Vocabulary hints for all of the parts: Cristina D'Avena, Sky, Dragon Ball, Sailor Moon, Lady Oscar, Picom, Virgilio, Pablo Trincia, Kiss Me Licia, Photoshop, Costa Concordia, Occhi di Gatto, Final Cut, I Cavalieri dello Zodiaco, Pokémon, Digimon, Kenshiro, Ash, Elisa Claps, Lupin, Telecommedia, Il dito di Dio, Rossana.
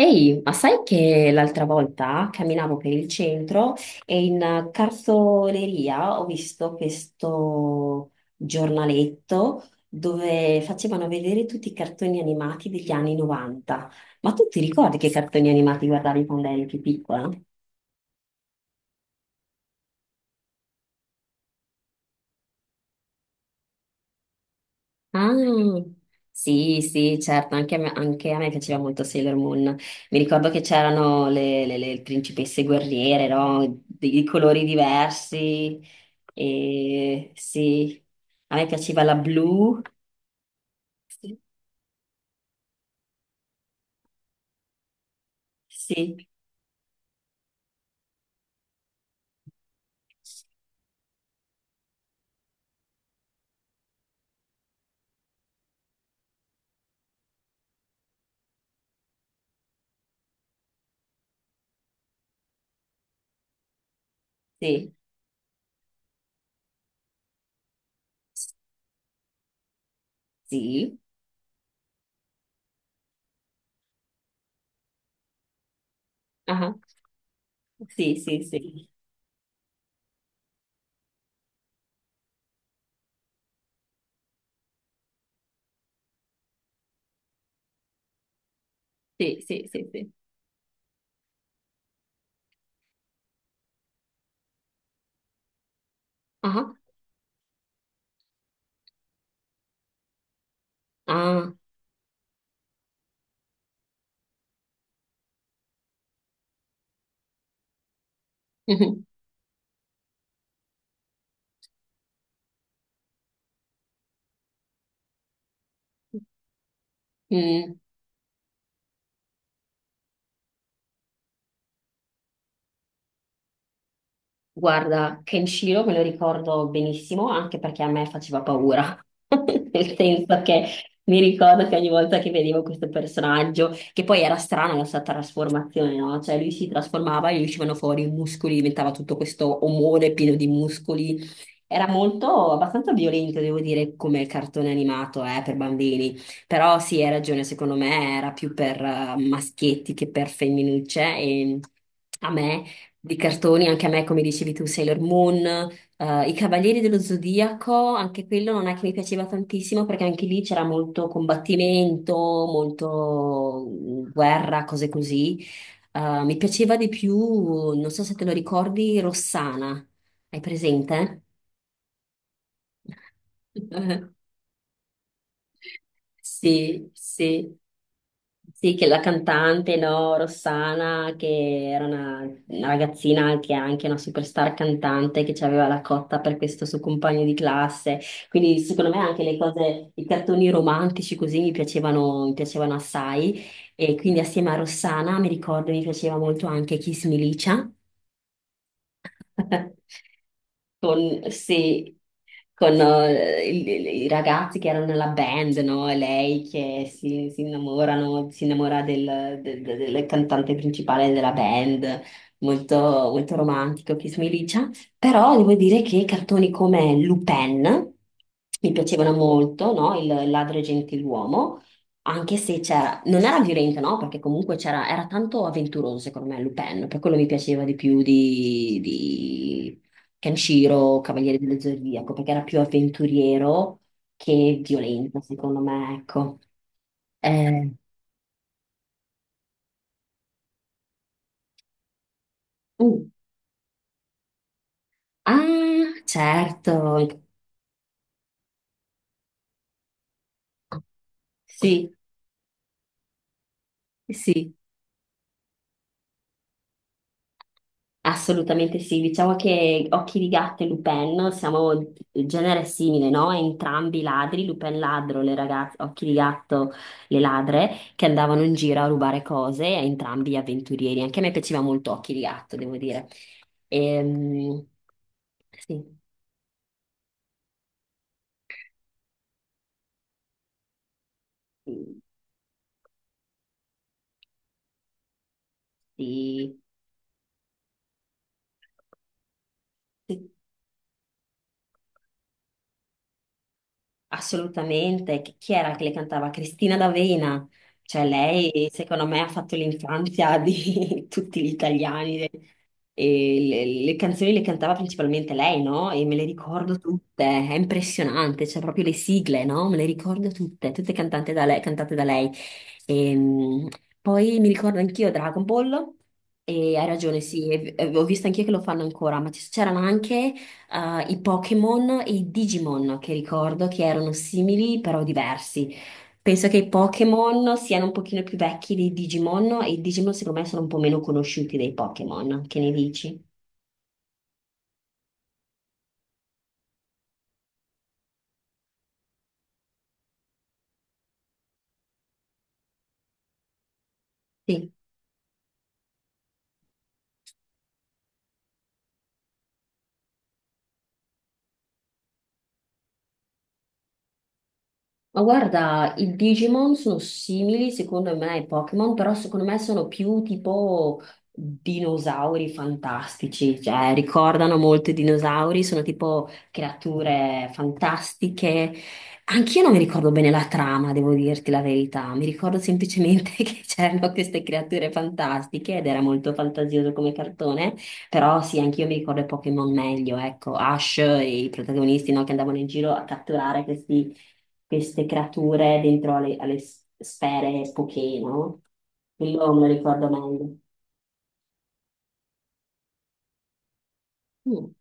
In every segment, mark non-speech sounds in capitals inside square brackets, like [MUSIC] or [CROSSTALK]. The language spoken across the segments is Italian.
Ehi, ma sai che l'altra volta camminavo per il centro e in cartoleria ho visto questo giornaletto dove facevano vedere tutti i cartoni animati degli anni 90. Ma tu ti ricordi che cartoni animati guardavi quando eri più piccola? Ah, sì, sì, certo, anche a me piaceva molto Sailor Moon. Mi ricordo che c'erano le principesse guerriere, no? Di colori diversi. E sì, a me piaceva la blu. Sì. Sì, sì, sì. Ah, sì, sì, sì. Sì, sì, sì, sì. Ah, ah. [LAUGHS] Mm. Guarda, Kenshiro me lo ricordo benissimo, anche perché a me faceva paura. [LAUGHS] Nel senso che mi ricordo che ogni volta che vedevo questo personaggio, che poi era strana la sua trasformazione, no? Cioè lui si trasformava e gli uscivano fuori i muscoli, diventava tutto questo omone pieno di muscoli. Era molto, abbastanza violento, devo dire, come cartone animato, per bambini. Però sì, hai ragione, secondo me era più per maschietti che per femminucce e... A me di cartoni, anche a me, come dicevi tu, Sailor Moon, I Cavalieri dello Zodiaco, anche quello non è che mi piaceva tantissimo perché anche lì c'era molto combattimento, molto guerra, cose così. Mi piaceva di più, non so se te lo ricordi, Rossana. Hai presente? [LAUGHS] Sì, sì. Sì, che la cantante, no, Rossana, che era una ragazzina che è anche una superstar cantante, che ci aveva la cotta per questo suo compagno di classe. Quindi secondo me anche le cose, i cartoni romantici così mi piacevano assai. E quindi assieme a Rossana mi ricordo mi piaceva molto anche Kiss Me Licia. [LAUGHS] Con, sì, con i ragazzi che erano nella band, no? E lei che si innamora del cantante principale della band, molto, molto romantico, Kiss Me Licia. Però devo dire che cartoni come Lupin mi piacevano molto, no? Il ladro e gentiluomo. Anche se c'era, non era violento, no? Perché comunque c'era, era tanto avventuroso, secondo me, Lupin, per quello mi piaceva di più di Kenshiro, Cavaliere dello Zodiaco, perché era più avventuriero che violento, secondo me, ecco. Eh, uh, ah, certo, sì, sì. Assolutamente sì, diciamo che Occhi di Gatto e Lupin siamo genere simile, no? Entrambi ladri, Lupin ladro, le ragazze, Occhi di Gatto le ladre che andavano in giro a rubare cose, e entrambi avventurieri. Anche a me piaceva molto Occhi di Gatto, devo dire. Ehm, sì, sì, sì, assolutamente. Chi era che le cantava? Cristina D'Avena. Cioè lei, secondo me, ha fatto l'infanzia di [LAUGHS] tutti gli italiani. E le canzoni le cantava principalmente lei, no? E me le ricordo tutte, è impressionante, cioè proprio le sigle, no? Me le ricordo tutte, tutte cantate da lei, cantate da lei. Ehm, poi mi ricordo anch'io Dragon Ball, e hai ragione, sì, e ho visto anch'io che lo fanno ancora, ma c'erano anche i Pokémon e i Digimon, che ricordo che erano simili però diversi. Penso che i Pokémon siano un pochino più vecchi dei Digimon e i Digimon secondo me sono un po' meno conosciuti dei Pokémon, che ne dici? Sì. Ma guarda, i Digimon sono simili secondo me ai Pokémon, però secondo me sono più tipo dinosauri fantastici, cioè ricordano molto i dinosauri, sono tipo creature fantastiche. Anch'io non mi ricordo bene la trama, devo dirti la verità, mi ricordo semplicemente [LAUGHS] che c'erano queste creature fantastiche ed era molto fantasioso come cartone, però sì, anch'io mi ricordo i Pokémon meglio, ecco, Ash e i protagonisti no, che andavano in giro a catturare questi queste creature dentro alle sfere poche, no? Quello me lo ricordo meglio. Mm.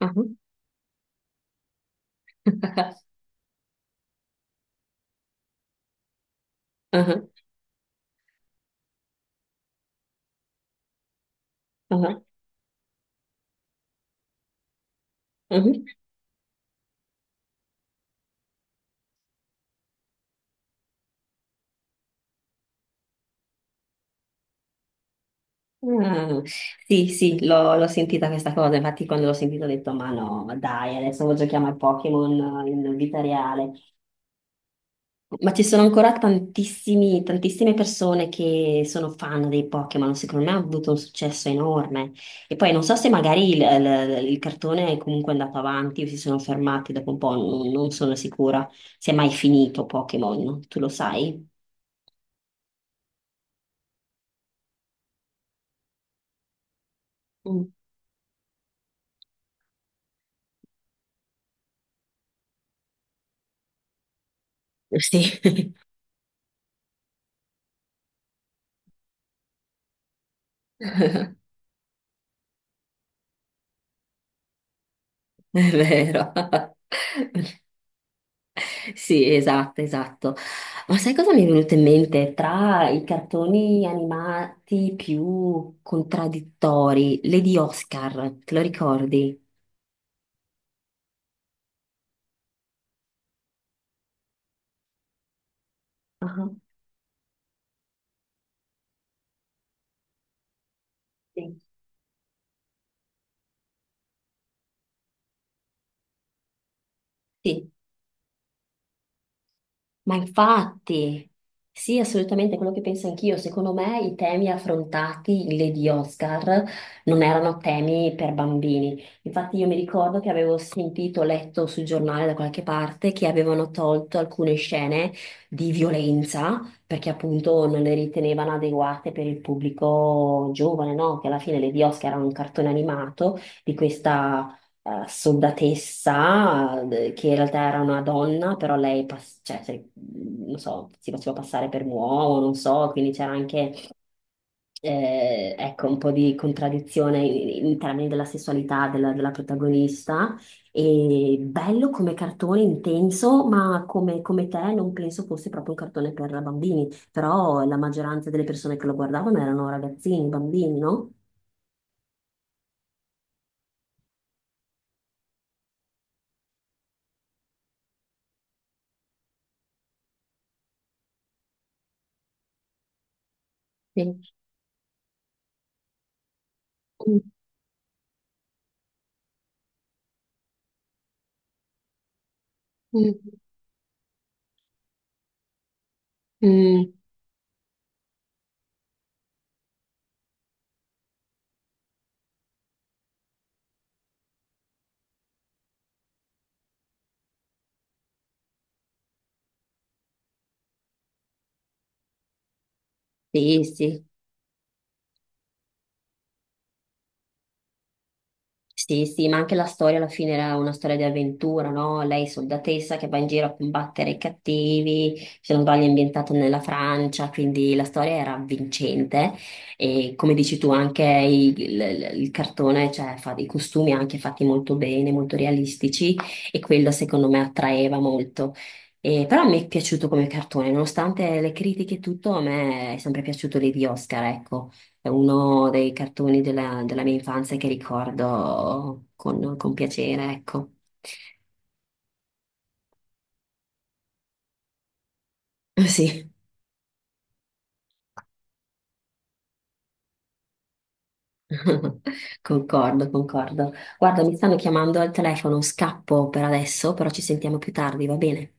Ah. [LAUGHS] Ah. Ah. Ah. [LAUGHS] Sì, sì, l'ho sentita questa cosa, infatti quando l'ho sentita ho detto ma no, ma dai, adesso lo giochiamo ai Pokémon in vita reale. Ma ci sono ancora tantissime persone che sono fan dei Pokémon, secondo me ha avuto un successo enorme. E poi non so se magari il cartone è comunque andato avanti o si sono fermati dopo un po', non sono sicura se è mai finito Pokémon, tu lo sai? Mm. Sì. [LAUGHS] È vero. [LAUGHS] Sì, esatto, esatto. Ma sai cosa mi è venuto in mente? Tra i cartoni animati più contraddittori, Lady Oscar, te lo ricordi? Ah, sì. Sì. Ma infatti, sì, assolutamente quello che penso anch'io. Secondo me i temi affrontati le di Oscar non erano temi per bambini. Infatti io mi ricordo che avevo sentito, letto sul giornale da qualche parte che avevano tolto alcune scene di violenza perché appunto non le ritenevano adeguate per il pubblico giovane, no? Che alla fine le di Oscar era un cartone animato di questa soldatessa, che in realtà era una donna, però lei, cioè, non so, si faceva passare per un uomo, non so, quindi c'era anche, ecco, un po' di contraddizione in termini della, sessualità della protagonista. E bello come cartone, intenso, ma come te non penso fosse proprio un cartone per bambini, però la maggioranza delle persone che lo guardavano erano ragazzini, bambini, no? Sì. Mm, mm, mm. Sì, sì, sì, sì, ma anche la storia alla fine era una storia di avventura, no? Lei soldatessa che va in giro a combattere i cattivi, se non sbaglio è ambientata nella Francia, quindi la storia era avvincente e come dici tu anche il cartone, cioè fa dei costumi anche fatti molto bene, molto realistici e quello secondo me attraeva molto. E, però mi è piaciuto come cartone, nonostante le critiche e tutto, a me è sempre piaciuto lì di Oscar, ecco. È uno dei cartoni della mia infanzia che ricordo con piacere, ecco. [LAUGHS] Sì, [LAUGHS] concordo, concordo. Guarda, mi stanno chiamando al telefono, scappo per adesso, però ci sentiamo più tardi, va bene?